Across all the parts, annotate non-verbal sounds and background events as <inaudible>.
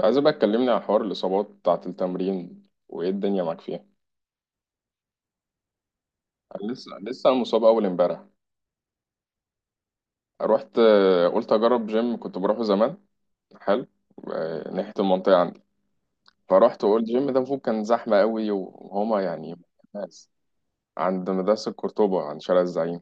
عايز بقى تكلمني عن حوار الإصابات بتاعة التمرين وإيه الدنيا معاك فيها؟ أنا لسه مصاب أول إمبارح. رحت قلت أجرب جيم كنت بروحه زمان. حلو. ناحية المنطقة عندي. فرحت وقلت الجيم ده المفروض كان زحمة قوي وهما يعني ناس. عند مدرسة قرطبة، عند شارع الزعيم،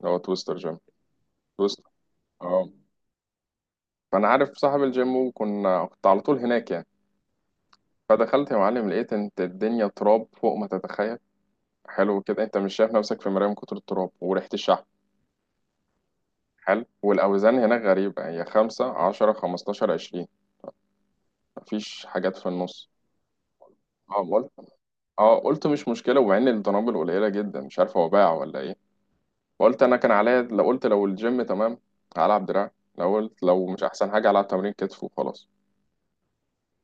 اللي هو تويستر جيم. تويستر، اه. فأنا عارف صاحب الجيم، وكنا كنت على طول هناك يعني. فدخلت يا معلم، لقيت انت الدنيا تراب فوق ما تتخيل. حلو كده، انت مش شايف نفسك في مراية من كتر التراب وريحة الشحم. حلو، والأوزان هناك غريبة، هي 15 15 20. مفيش حاجات في النص. اه قلت اه قلت مش مشكلة، ومع إن الدنابل قليلة جدا مش عارف هو باع ولا إيه. وقلت أنا كان عليا، لو الجيم تمام هلعب دراع. لو مش أحسن حاجة هلعب تمرين كتف وخلاص.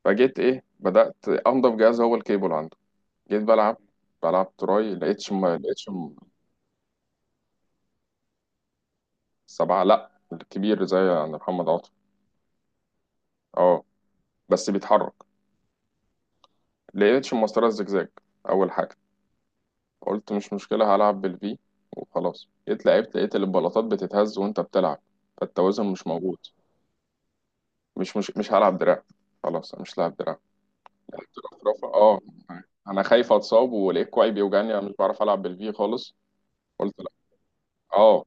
فجيت إيه بدأت أنضف جهاز، هو الكيبل عنده. جيت بلعب. تراي، ما لقيتش. سبعة لأ، الكبير زي عند محمد عاطف. اه، بس بيتحرك. لقيتش المسطرة الزجزاج أول حاجة. قلت مش مشكلة، هلعب بالفي وخلاص. جيت لعبت، لقيت البلاطات بتتهز وانت بتلعب، فالتوازن مش موجود. مش هلعب دراع. خلاص أنا مش لاعب دراع. لعبت رفرفة، اه. انا خايف اتصاب، ولقيت كوعي بيوجعني، انا مش بعرف العب بالفي خالص. قلت لا. اه،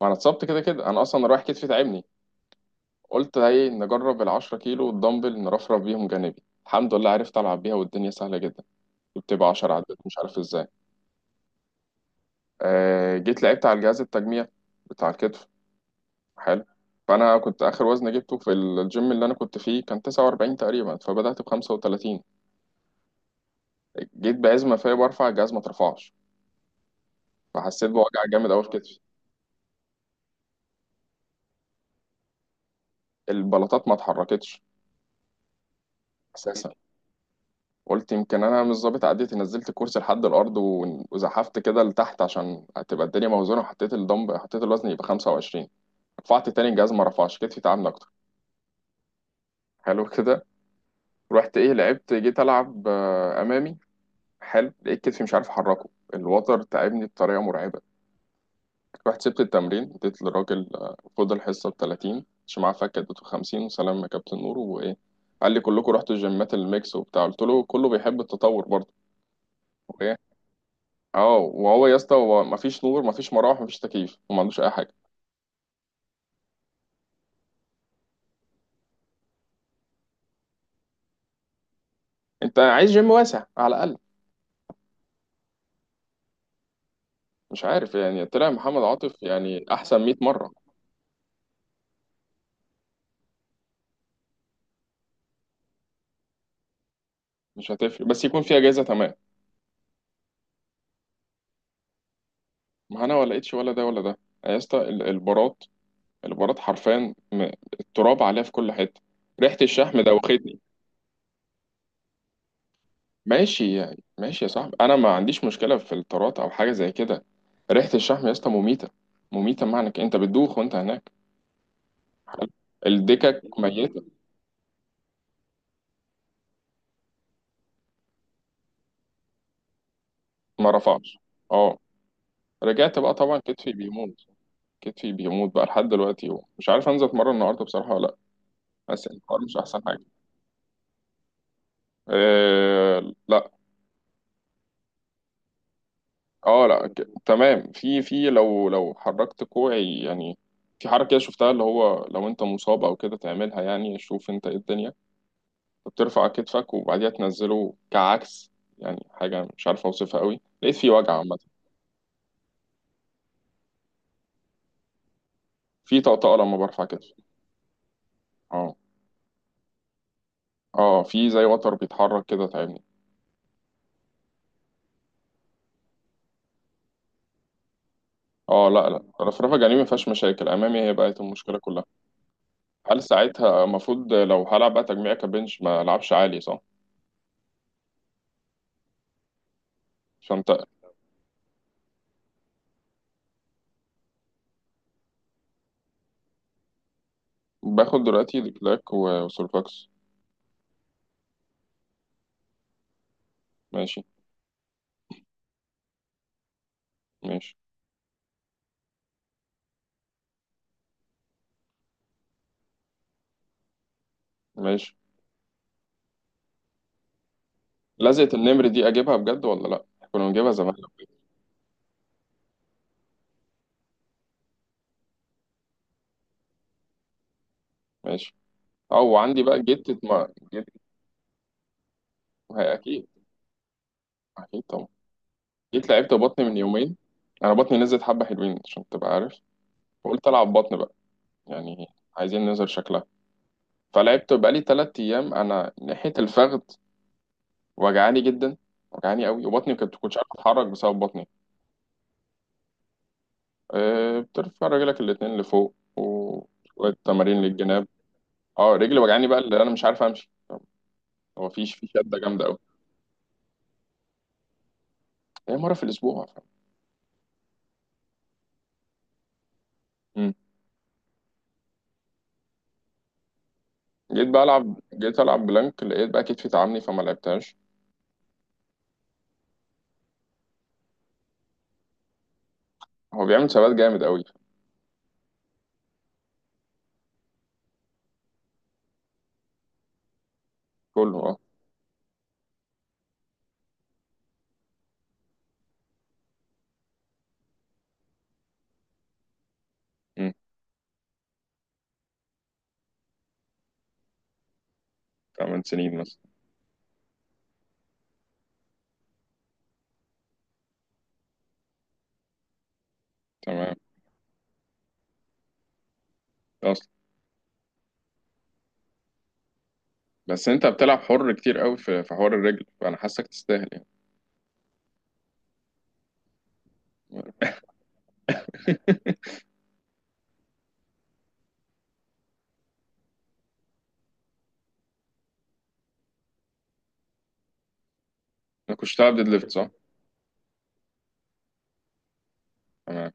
ما انا اتصبت كده كده، انا اصلا رايح كتفي تعبني. قلت ايه نجرب ال 10 كيلو والدمبل نرفرف بيهم جانبي. الحمد لله عرفت العب بيها، والدنيا سهله جدا. بتبقى 10 عدات مش عارف ازاي. جيت لعبت على الجهاز التجميع بتاع الكتف. حلو. فانا كنت اخر وزن جبته في الجيم اللي انا كنت فيه كان 49 تقريبا، فبدات ب 35. جيت بعزمه فيا برفع الجهاز ما اترفعش، فحسيت بوجع جامد قوي في كتفي. البلاطات ما اتحركتش اساسا. قلت يمكن انا مش ظابط عديتي. نزلت الكرسي لحد الارض وزحفت كده لتحت عشان تبقى الدنيا موزونه، وحطيت الدمب حطيت الوزن يبقى 25. رفعت تاني الجهاز ما رفعش، كتفي تعبني اكتر. حلو كده. رحت ايه جيت العب امامي. حلو، لقيت كتفي مش عارف احركه، الوتر تعبني بطريقه مرعبه. رحت سبت التمرين، اديت للراجل خد الحصة بـ30، مش معاه فك، اديته 50، وسلام يا كابتن نور. وإيه، قال لي كلكم رحتوا الجيمات الميكس وبتاع، قلت له كله بيحب التطور برضه. وإيه، اه. وهو يا اسطى، هو مفيش نور، مفيش مراوح، مفيش تكييف، وما عندوش أي حاجة. أنت عايز جيم واسع على الأقل. مش عارف يعني، طلع محمد عاطف يعني أحسن 100 مرة. مش هتفرق، بس يكون في أجهزة تمام. ما أنا ولا لقيتش، ولا ده ولا ده. يا اسطى البارات، البارات حرفيا التراب عليها في كل حتة. ريحة الشحم دوختني. ماشي يعني، ماشي يا صاحبي، انا ما عنديش مشكله في الطارات او حاجه زي كده. ريحه الشحم يا اسطى مميته. مميته، معنى إنك انت بتدوخ وانت هناك. حلو. الدكك ميته. ما رفعش، اه. رجعت بقى طبعا، كتفي بيموت. كتفي بيموت بقى لحد دلوقتي، ومش عارف انزل اتمرن النهارده بصراحه ولا لا. بس يعني الحوار مش احسن حاجه. أه لا. اه لا، تمام، في لو حركت كوعي يعني، في حركه شفتها، اللي هو لو انت مصاب او كده تعملها يعني. شوف انت ايه الدنيا، بترفع كتفك وبعديها تنزله كعكس. يعني حاجة مش عارف أوصفها قوي، لقيت في وجع عامة. في طقطقة لما برفع كتفي. اه، اه. في زي وتر بيتحرك كده تعبني. اه لا، لا، الرفرفة الجانبي ما فيهاش مشاكل، أمامي هي بقت المشكلة كلها. هل ساعتها المفروض لو هلعب بقى تجميع كبنش ما ألعبش عالي صح؟ عشان تقل. باخد دلوقتي ديكلاك وسولفاكس. ماشي، ماشي، ماشي. لزقة النمر دي أجيبها بجد ولا لأ؟ كنا بنجيبها زمان. ماشي. اه، وعندي بقى جيت ما جيت. هي أكيد. أكيد طبعا. جيت لعبت بطن من يومين. انا بطني نزلت حبه حلوين عشان تبقى عارف. فقلت العب بطن بقى يعني. عايزين ننزل شكلها. فلعبت بقالي 3 ايام، انا ناحيه الفخذ وجعاني جدا، وجعاني قوي، وبطني كنتش عارف اتحرك بسبب بطني. أه، بترفع رجلك الاتنين لفوق، وشويه تمارين للجناب. اه، رجلي وجعاني بقى اللي انا مش عارف امشي. هو فيش في شده جامده قوي. هي مره في الاسبوع فاهم؟ مم. جيت العب بلانك، لقيت بقى كتفي تعبني، فما لعبتهاش. هو بيعمل ثبات جامد قوي. كله، اه. 8 سنين مثلا. تمام. اصلا. بس انت بتلعب حر كتير قوي في حوار الرجل، فانا حاسك تستاهل يعني. <laughs> انا كنت بتلعب ديد ليفت صح. تمام.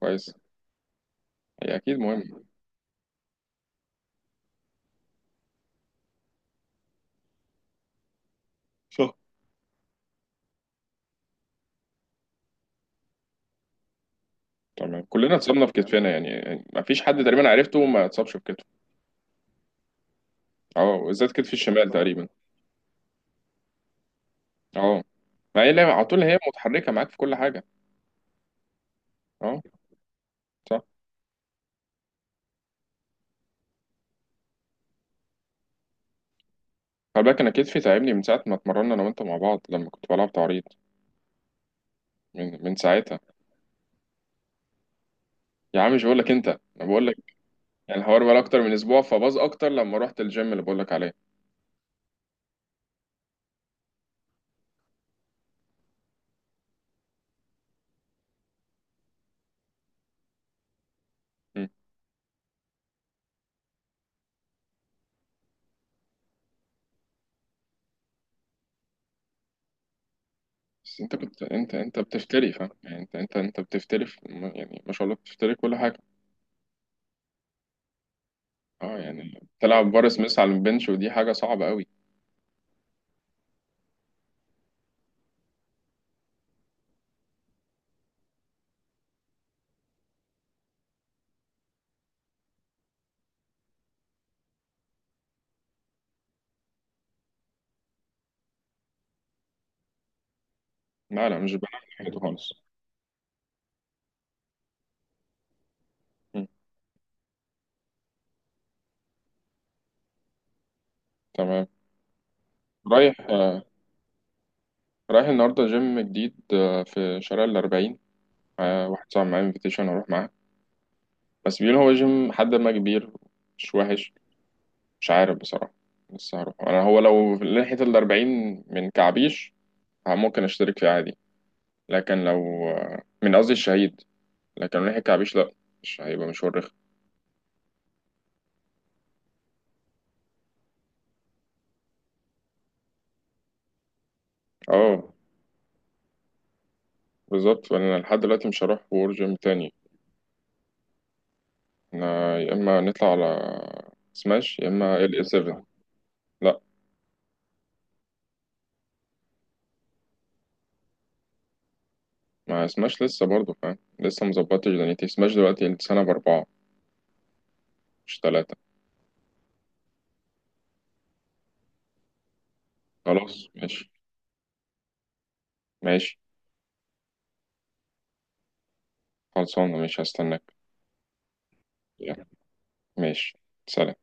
كويس. هي اكيد مهم. صح. تمام، كلنا اتصابنا في كتفنا يعني، ما فيش حد تقريبا عرفته ما اتصابش في كتفه. اه، وبالذات كتف الشمال تقريبا. اه. ما هي على طول هي متحركه معاك في كل حاجه. اه. صح. خلي بالك انا كتفي تعبني من ساعه ما اتمرنا انا وانت مع بعض، لما كنت بلعب تعريض. من ساعتها. يا عم مش بقول لك، انت انا بقول. يعني الحوار بقى اكتر من اسبوع، فباظ اكتر لما رحت الجيم اللي بقول لك عليه. مم. بس انت بتفتري فاهم، يعني انت بتفتري يعني ما شاء الله، بتفتري كل حاجه. اه، يعني تلعب بارس مس على البنش ودي حاجه صعبه قوي. لا، لا، مش بنعمل الحاجات دي خالص. مم. تمام. رايح رايح النهارده جيم جديد في شارع الأربعين. واحد صاحبي معايا انفيتيشن اروح معاه. بس بيقول هو جيم حد ما كبير، مش وحش. مش عارف بصراحه، لسه هروح انا. هو لو لحقت الأربعين من كعبيش اه ممكن اشترك فيه عادي. لكن لو، من قصدي الشهيد، لكن لو ناحية كعبيش لا، مش هيبقى مشوار رخم. اه، بالظبط. فانا لحد دلوقتي مش هروح وور جيم تاني. انا يا اما نطلع على سماش، يا اما ال اي 7. لا، ما سماش لسه برضه فاهم، لسه مظبطتش دنيتي. سماش دلوقتي السنة بـ4 مش 3. خلاص ماشي. ماشي. خلصانة مش هستناك. يلا، ماشي. سلام.